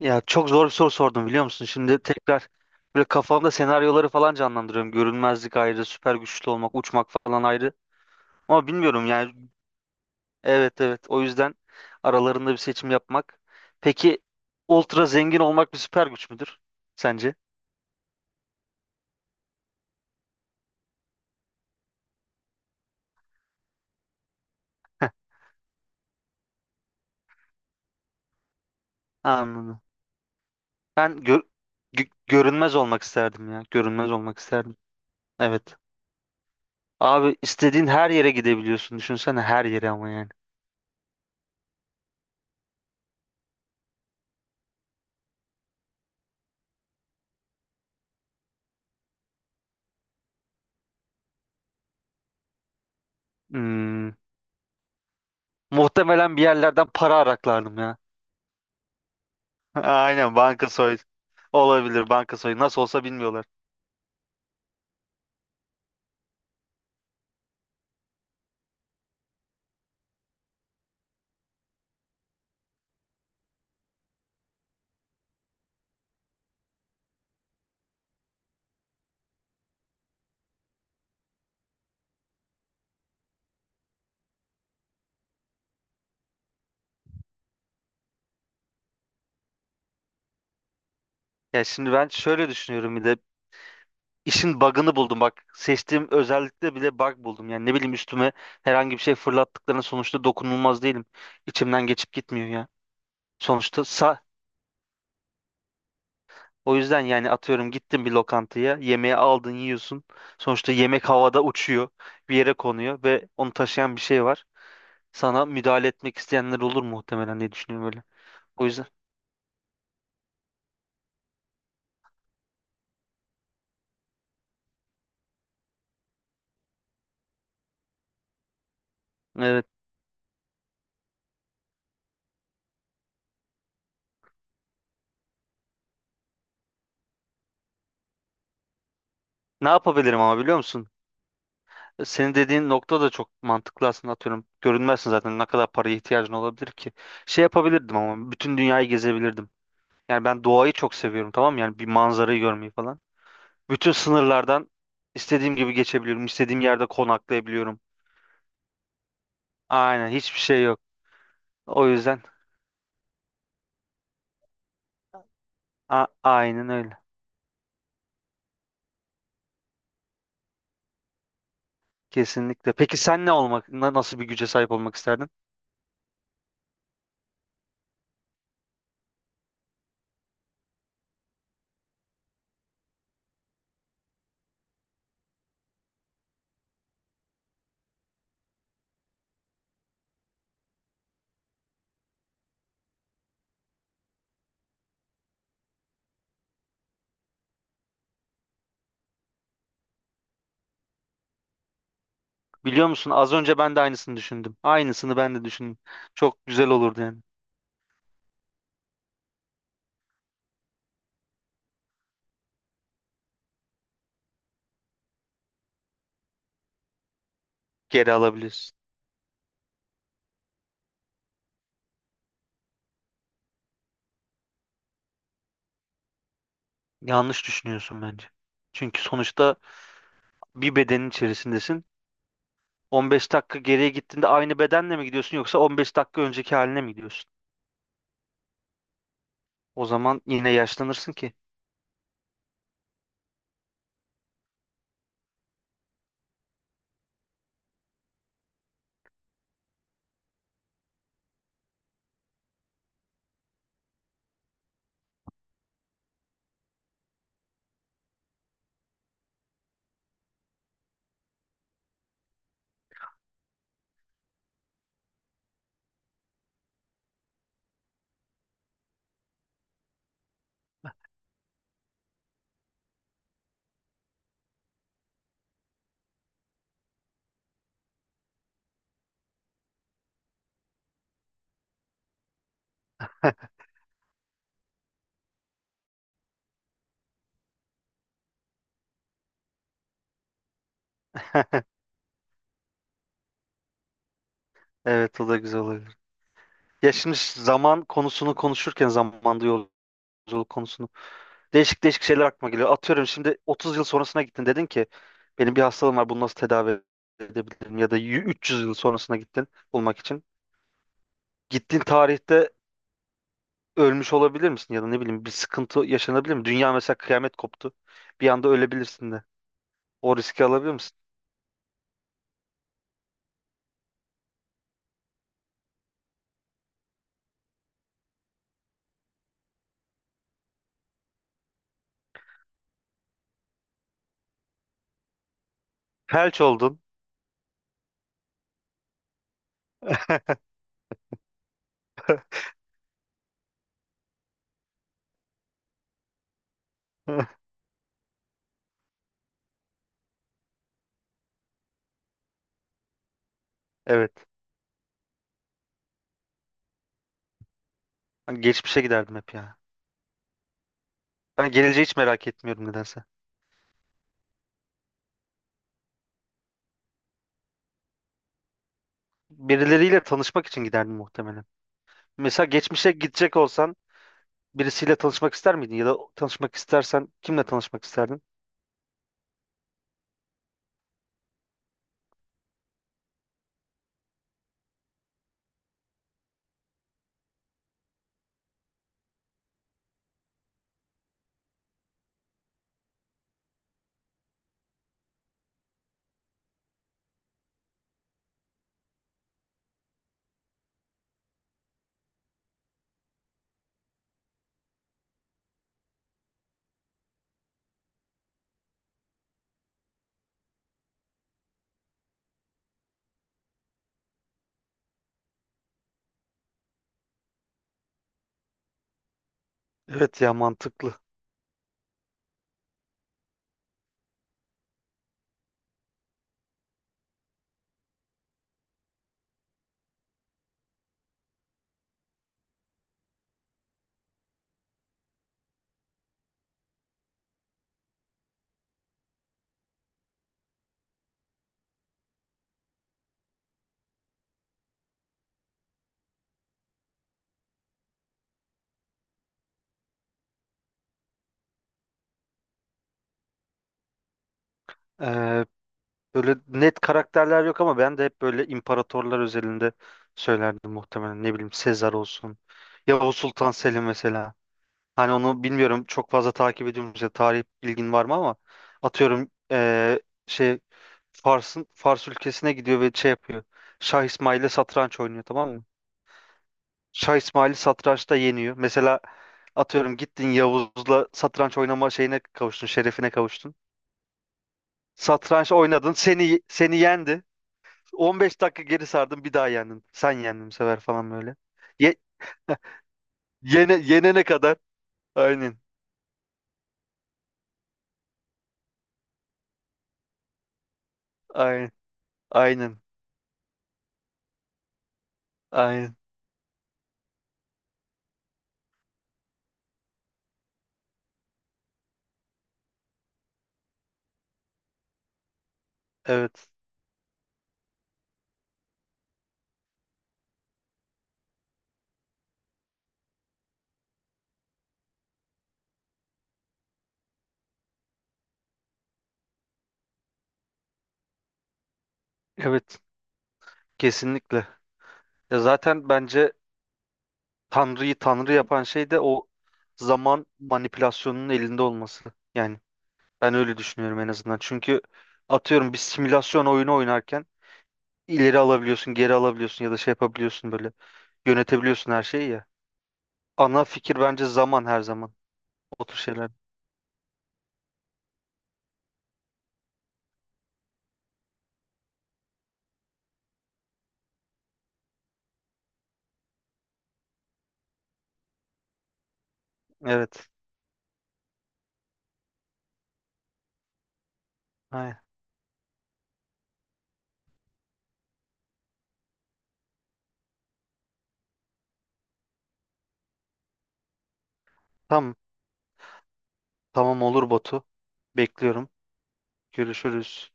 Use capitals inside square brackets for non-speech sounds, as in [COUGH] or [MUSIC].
Ya çok zor bir soru sordum biliyor musun? Şimdi tekrar böyle kafamda senaryoları falan canlandırıyorum. Görünmezlik ayrı, süper güçlü olmak, uçmak falan ayrı. Ama bilmiyorum yani. Evet evet. O yüzden aralarında bir seçim yapmak. Peki ultra zengin olmak bir süper güç müdür sence? Anladım. Ben gör- Görünmez olmak isterdim ya. Görünmez olmak isterdim. Evet. Abi istediğin her yere gidebiliyorsun. Düşünsene her yere ama yani. Hmm. Muhtemelen bir yerlerden para araklardım ya. Aynen banka soy Olabilir, banka soyu nasıl olsa bilmiyorlar. Ya şimdi ben şöyle düşünüyorum bir de işin bug'ını buldum, bak seçtiğim özellikle bile bug buldum. Yani ne bileyim, üstüme herhangi bir şey fırlattıklarına sonuçta dokunulmaz değilim. İçimden geçip gitmiyor ya. Sonuçta sa O yüzden yani atıyorum gittin bir lokantaya, yemeği aldın, yiyorsun. Sonuçta yemek havada uçuyor, bir yere konuyor ve onu taşıyan bir şey var. Sana müdahale etmek isteyenler olur muhtemelen diye düşünüyorum öyle. O yüzden evet, ne yapabilirim ama biliyor musun? Senin dediğin nokta da çok mantıklı aslında, atıyorum. Görünmezsin zaten, ne kadar paraya ihtiyacın olabilir ki. Şey yapabilirdim ama, bütün dünyayı gezebilirdim. Yani ben doğayı çok seviyorum tamam mı? Yani bir manzarayı görmeyi falan. Bütün sınırlardan istediğim gibi geçebiliyorum. İstediğim yerde konaklayabiliyorum. Aynen hiçbir şey yok. O yüzden aynen öyle. Kesinlikle. Peki sen ne olmak, nasıl bir güce sahip olmak isterdin? Biliyor musun, az önce ben de aynısını düşündüm. Aynısını ben de düşündüm. Çok güzel olurdu yani. Geri alabiliriz. Yanlış düşünüyorsun bence. Çünkü sonuçta bir bedenin içerisindesin. 15 dakika geriye gittiğinde aynı bedenle mi gidiyorsun yoksa 15 dakika önceki haline mi gidiyorsun? O zaman yine yaşlanırsın ki. Evet, o da güzel olabilir. Ya şimdi zaman konusunu konuşurken zamanda yolculuk konusunu, değişik değişik şeyler aklıma geliyor. Atıyorum şimdi 30 yıl sonrasına gittin, dedin ki benim bir hastalığım var, bunu nasıl tedavi edebilirim? Ya da 300 yıl sonrasına gittin bulmak için. Gittiğin tarihte ölmüş olabilir misin ya da ne bileyim bir sıkıntı yaşanabilir mi? Dünya mesela, kıyamet koptu. Bir anda ölebilirsin de. O riski alabilir misin? Felç oldun. [LAUGHS] Evet. Ben geçmişe giderdim hep ya. Ben geleceği hiç merak etmiyorum nedense. Birileriyle tanışmak için giderdim muhtemelen. Mesela geçmişe gidecek olsan, birisiyle tanışmak ister miydin? Ya da tanışmak istersen kimle tanışmak isterdin? Evet ya, mantıklı. Ee, Böyle net karakterler yok ama ben de hep böyle imparatorlar özelinde söylerdim muhtemelen. Ne bileyim, Sezar olsun. Yavuz Sultan Selim mesela. Hani onu bilmiyorum, çok fazla takip ediyorum. Mesela tarih bilgin var mı ama atıyorum şey, Fars ülkesine gidiyor ve şey yapıyor. Şah İsmail'le satranç oynuyor tamam mı? Şah İsmail'i satrançta yeniyor. Mesela atıyorum gittin Yavuz'la satranç oynama şeyine kavuştun, şerefine kavuştun. Satranç oynadın, seni yendi. 15 dakika geri sardım, bir daha yendin. Sen yendin bu sefer falan böyle. Ye Yene yenene kadar. Aynen. Aynen. Aynen. Aynen. Evet. Evet. Kesinlikle. Ya zaten bence Tanrı'yı Tanrı yapan şey de o zaman manipülasyonunun elinde olması. Yani ben öyle düşünüyorum en azından. Çünkü atıyorum bir simülasyon oyunu oynarken ileri alabiliyorsun, geri alabiliyorsun ya da şey yapabiliyorsun böyle. Yönetebiliyorsun her şeyi ya. Ana fikir bence zaman, her zaman. O tür şeyler. Evet. Aynen. Tamam. Tamam olur Batu. Bekliyorum. Görüşürüz.